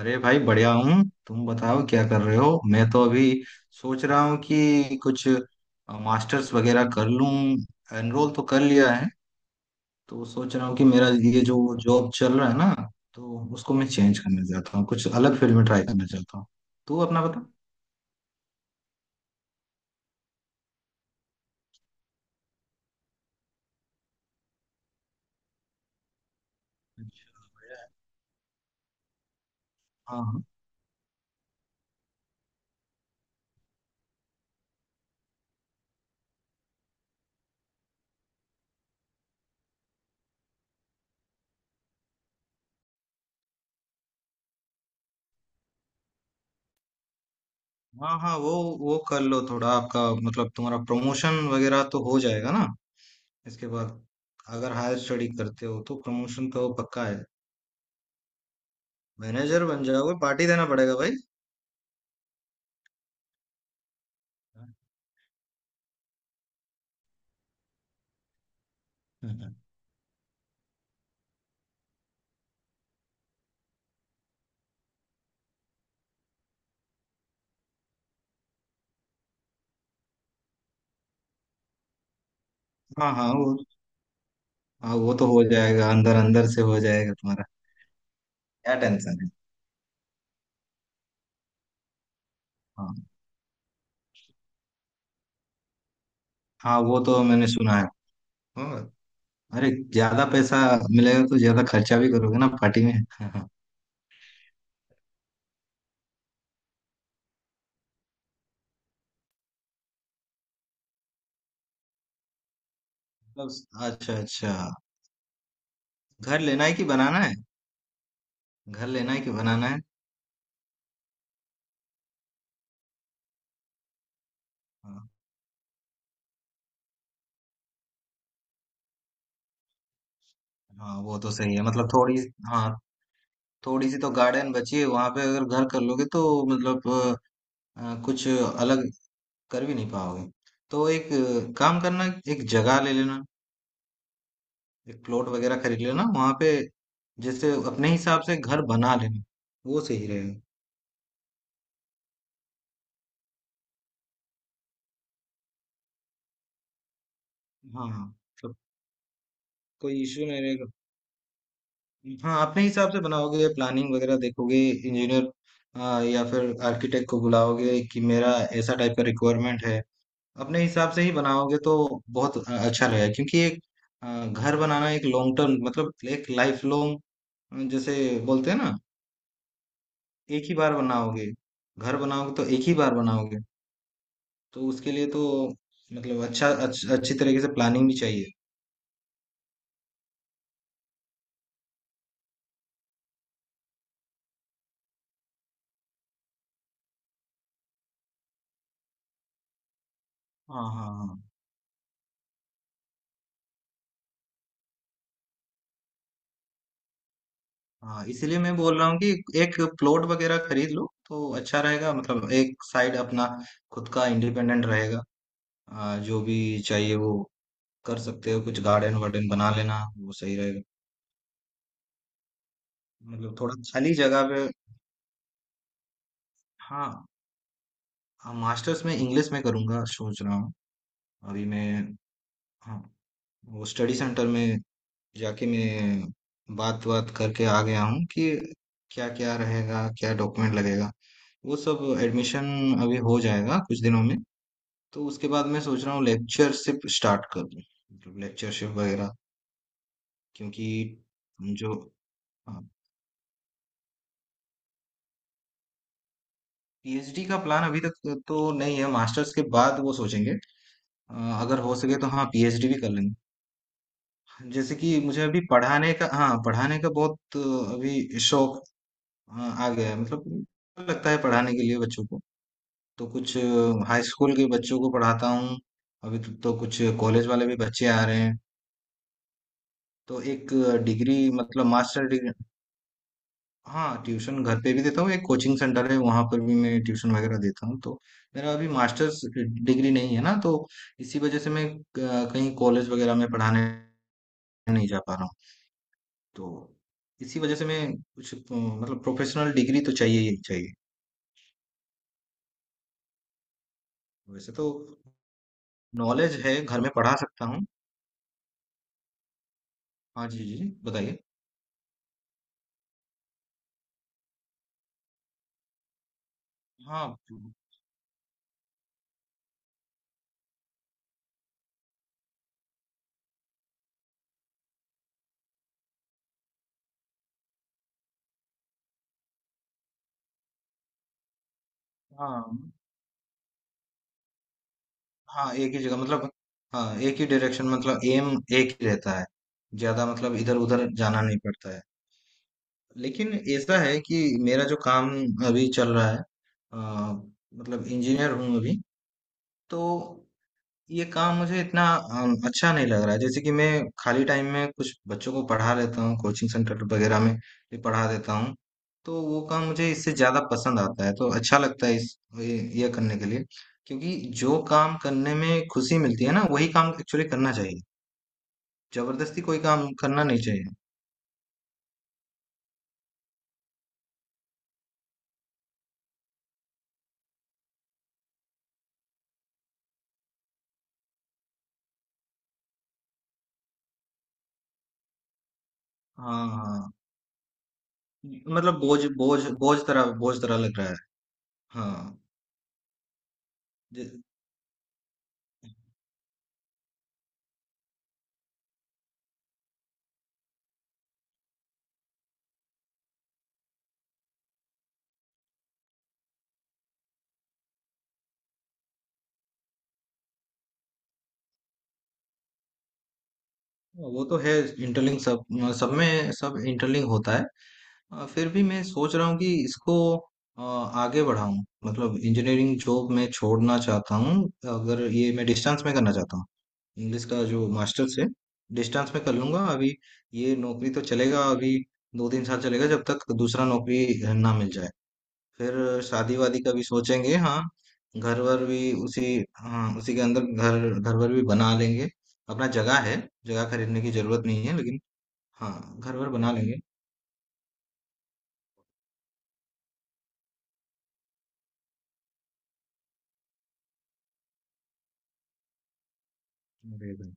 अरे भाई बढ़िया हूँ। तुम बताओ क्या कर रहे हो? मैं तो अभी सोच रहा हूँ कि कुछ मास्टर्स वगैरह कर लूँ। एनरोल तो कर लिया है। तो सोच रहा हूँ कि मेरा ये जो जॉब चल रहा है ना, तो उसको मैं चेंज करना चाहता हूँ, कुछ अलग फील्ड में ट्राई करना चाहता हूँ। तू अपना बता। हाँ, हाँ। हाँ, हाँ। वो कर लो थोड़ा। आपका मतलब तुम्हारा प्रमोशन वगैरह तो हो जाएगा ना इसके बाद। अगर हायर स्टडी करते हो तो प्रमोशन तो पक्का है। मैनेजर बन जाओगे, पार्टी देना पड़ेगा भाई। हम्म। हाँ, हाँ, वो। हाँ, वो तो हो जाएगा, अंदर अंदर से हो जाएगा तुम्हारा। क्या टेंशन है। हाँ, हाँ, वो तो मैंने सुना है। हाँ, अरे ज्यादा पैसा मिलेगा तो ज्यादा खर्चा भी करोगे ना पार्टी में। हाँ, हाँ। मतलब अच्छा अच्छा। घर लेना है कि बनाना है? घर लेना है कि बनाना है? हाँ, हाँ, वो तो सही है। मतलब थोड़ी, हाँ, थोड़ी सी तो गार्डन बची है वहां पे। अगर घर कर लोगे तो मतलब कुछ अलग कर भी नहीं पाओगे। तो एक काम करना, एक जगह ले लेना, एक प्लॉट वगैरह खरीद लेना वहां पे। जैसे अपने हिसाब से घर बना लेना, वो सही रहेगा। हाँ मतलब कोई इश्यू नहीं रहेगा। हाँ, अपने हिसाब से बनाओगे, प्लानिंग वगैरह देखोगे इंजीनियर या फिर आर्किटेक्ट को बुलाओगे कि मेरा ऐसा टाइप का रिक्वायरमेंट है। अपने हिसाब से ही बनाओगे तो बहुत अच्छा रहेगा। क्योंकि एक घर बनाना एक लॉन्ग टर्म, मतलब एक लाइफ लॉन्ग, जैसे बोलते हैं ना। एक ही बार बनाओगे, घर बनाओगे तो एक ही बार बनाओगे। तो उसके लिए तो मतलब अच्छा अच्छी तरीके से प्लानिंग भी चाहिए। हाँ, हाँ, हाँ। हाँ, इसीलिए मैं बोल रहा हूँ कि एक प्लॉट वगैरह खरीद लो तो अच्छा रहेगा। मतलब एक साइड अपना खुद का इंडिपेंडेंट रहेगा। जो भी चाहिए वो कर सकते हो, कुछ गार्डन वार्डन बना लेना, वो सही रहेगा। मतलब थोड़ा खाली जगह पे। हाँ, मास्टर्स में इंग्लिश में करूँगा सोच रहा हूँ। अभी मैं, हाँ, वो स्टडी सेंटर में जाके मैं बात बात करके आ गया हूँ कि क्या क्या रहेगा, क्या डॉक्यूमेंट लगेगा। वो सब एडमिशन अभी हो जाएगा कुछ दिनों में। तो उसके बाद मैं सोच रहा हूँ लेक्चरशिप स्टार्ट कर दूँ, मतलब लेक्चरशिप वगैरह। क्योंकि जो पीएचडी का प्लान अभी तक तो नहीं है, मास्टर्स के बाद वो सोचेंगे। अ, अगर हो सके तो हाँ, पीएचडी भी कर लेंगे। जैसे कि मुझे अभी पढ़ाने का, हाँ, पढ़ाने का बहुत अभी शौक आ गया है। मतलब लगता है पढ़ाने के लिए बच्चों को। तो कुछ हाई स्कूल के बच्चों को पढ़ाता हूँ अभी। तो कुछ कॉलेज वाले भी बच्चे आ रहे हैं। तो एक डिग्री, मतलब मास्टर डिग्री। हाँ, ट्यूशन घर पे भी देता हूँ, एक कोचिंग सेंटर है वहाँ पर भी मैं ट्यूशन वगैरह देता हूँ। तो मेरा अभी मास्टर्स डिग्री नहीं है ना, तो इसी वजह से मैं कहीं कॉलेज वगैरह में पढ़ाने नहीं जा पा रहा हूँ। तो इसी वजह से मैं कुछ मतलब प्रोफेशनल डिग्री तो चाहिए ही चाहिए। वैसे तो नॉलेज है, घर में पढ़ा सकता हूँ। हाँ जी, जी जी, बताइए। हाँ, हाँ। हाँ, एक ही जगह, मतलब हाँ, एक ही डायरेक्शन, मतलब एम, एक ही रहता है। ज्यादा मतलब इधर उधर जाना नहीं पड़ता है। लेकिन ऐसा है कि मेरा जो काम अभी चल रहा है, अ, मतलब इंजीनियर हूँ अभी। तो ये काम मुझे इतना अच्छा नहीं लग रहा है। जैसे कि मैं खाली टाइम में कुछ बच्चों को पढ़ा लेता हूँ, कोचिंग सेंटर वगैरह में भी पढ़ा देता हूँ। तो वो काम मुझे इससे ज्यादा पसंद आता है, तो अच्छा लगता है इस ये करने के लिए। क्योंकि जो काम करने में खुशी मिलती है ना, वही काम एक्चुअली करना चाहिए। जबरदस्ती कोई काम करना नहीं चाहिए। हाँ, हाँ। मतलब बोझ बोझ बोझ तरह लग रहा है। हाँ। जे- वो तो है, इंटरलिंक सब, सब में सब इंटरलिंक होता है। फिर भी मैं सोच रहा हूँ कि इसको आगे बढ़ाऊं। मतलब इंजीनियरिंग जॉब मैं छोड़ना चाहता हूँ। अगर ये मैं डिस्टेंस में करना चाहता हूँ, इंग्लिश का जो मास्टर्स है, डिस्टेंस में कर लूंगा। अभी ये नौकरी तो चलेगा अभी, 2-3 साल चलेगा जब तक दूसरा नौकरी ना मिल जाए। फिर शादी वादी का भी सोचेंगे हाँ। घर वर भी उसी, हाँ, उसी के अंदर घर घर वर भी बना लेंगे। अपना जगह है, जगह खरीदने की जरूरत नहीं है, लेकिन हाँ, घर वर बना लेंगे। अरे भाई,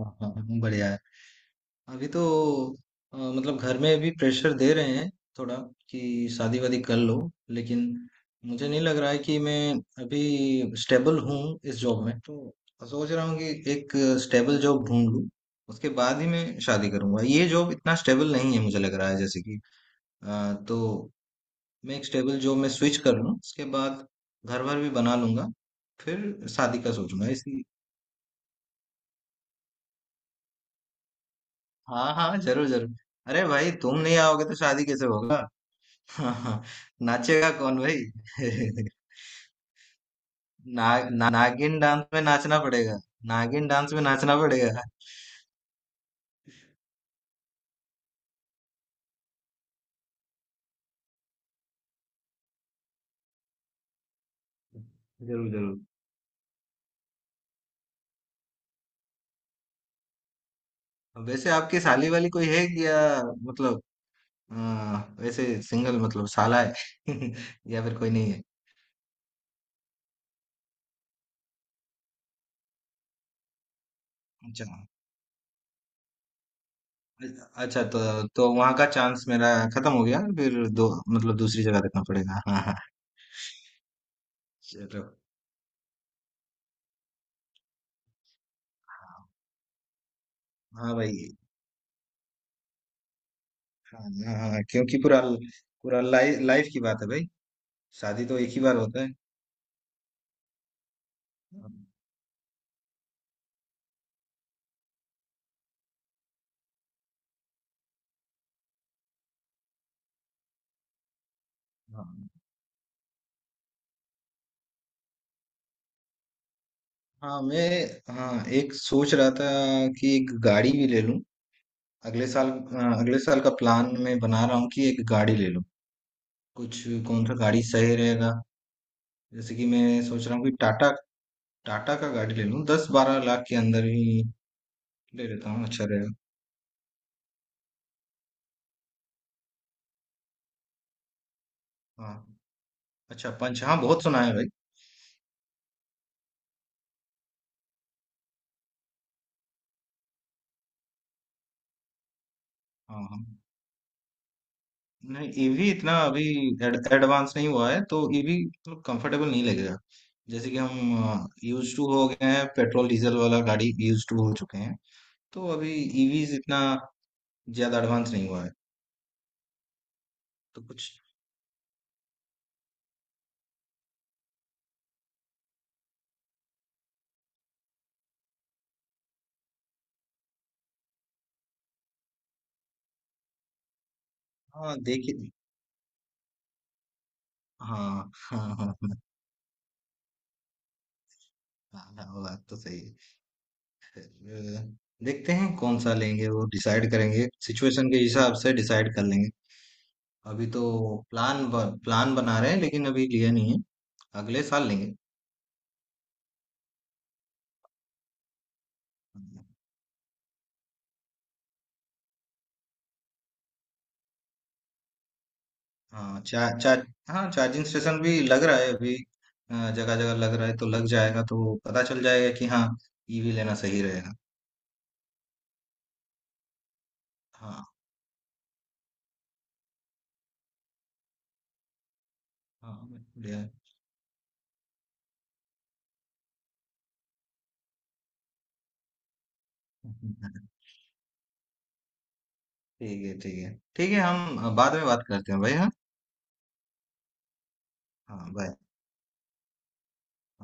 हाँ, हाँ, हाँ, बढ़िया है। अभी तो मतलब घर में भी प्रेशर दे रहे हैं थोड़ा कि शादी वादी कर लो। लेकिन मुझे नहीं लग रहा है कि मैं अभी स्टेबल हूँ इस जॉब में। तो सोच रहा हूँ कि एक स्टेबल जॉब ढूंढ लूँ, उसके बाद ही मैं शादी करूंगा। ये जॉब इतना स्टेबल नहीं है मुझे लग रहा है, जैसे कि तो मैं एक स्टेबल जॉब में स्विच कर लूँ, उसके बाद घर भर भी बना लूंगा, फिर शादी का सोचूंगा इसी। हाँ, हाँ, जरूर जरूर। अरे भाई, तुम नहीं आओगे तो शादी कैसे होगा। हाँ, हाँ। नाचेगा कौन भाई। ना, ना, नागिन डांस में नाचना पड़ेगा। नागिन डांस में नाचना पड़ेगा। जरूर जरूर। वैसे आपकी साली वाली कोई है कि या मतलब अ, वैसे सिंगल मतलब साला है? या फिर कोई नहीं है? अच्छा। अच्छा तो वहां का चांस मेरा खत्म हो गया फिर। दो मतलब दूसरी जगह देखना पड़ेगा। हाँ, हाँ। चलो। हाँ। हाँ भाई। हाँ, हाँ, हाँ, क्योंकि पूरा पूरा लाइफ लाइफ की बात है भाई। शादी तो एक ही बार होता है। हाँ। हाँ, मैं, हाँ, एक सोच रहा था कि एक गाड़ी भी ले लूं। अगले साल, अगले साल का प्लान मैं बना रहा हूँ कि एक गाड़ी ले लूं। कुछ कौन सा गाड़ी सही रहेगा? जैसे कि मैं सोच रहा हूँ कि टाटा टाटा का गाड़ी ले लूं, 10-12 लाख के अंदर ही ले लेता हूँ, अच्छा रहेगा। हाँ, अच्छा पंच, हाँ, बहुत सुना है भाई। हाँ, हाँ। नहीं, ईवी इतना अभी एडवांस नहीं हुआ है तो ईवी तो कंफर्टेबल नहीं लगेगा। जैसे कि हम यूज टू हो गए हैं, पेट्रोल डीजल वाला गाड़ी यूज टू हो चुके हैं। तो अभी ईवी इतना ज्यादा एडवांस नहीं हुआ है। तो कुछ, हाँ देखिए। हाँ, हाँ, हाँ, हाँ। हाँ, हाँ, बात तो सही है। देखते हैं कौन सा लेंगे वो डिसाइड करेंगे, सिचुएशन के हिसाब से डिसाइड कर लेंगे। अभी तो प्लान प्लान बना रहे हैं, लेकिन अभी लिया नहीं है। अगले साल लेंगे। हाँ चार चार हाँ चार्जिंग स्टेशन भी लग रहा है अभी, जगह जगह लग रहा है। तो लग जाएगा तो पता चल जाएगा कि हाँ, ईवी लेना सही रहेगा। हाँ, हाँ, बढ़िया है। ठीक है, ठीक है। ठीक है, हम बाद में बात करते हैं भाई, हाँ। हाँ, bye।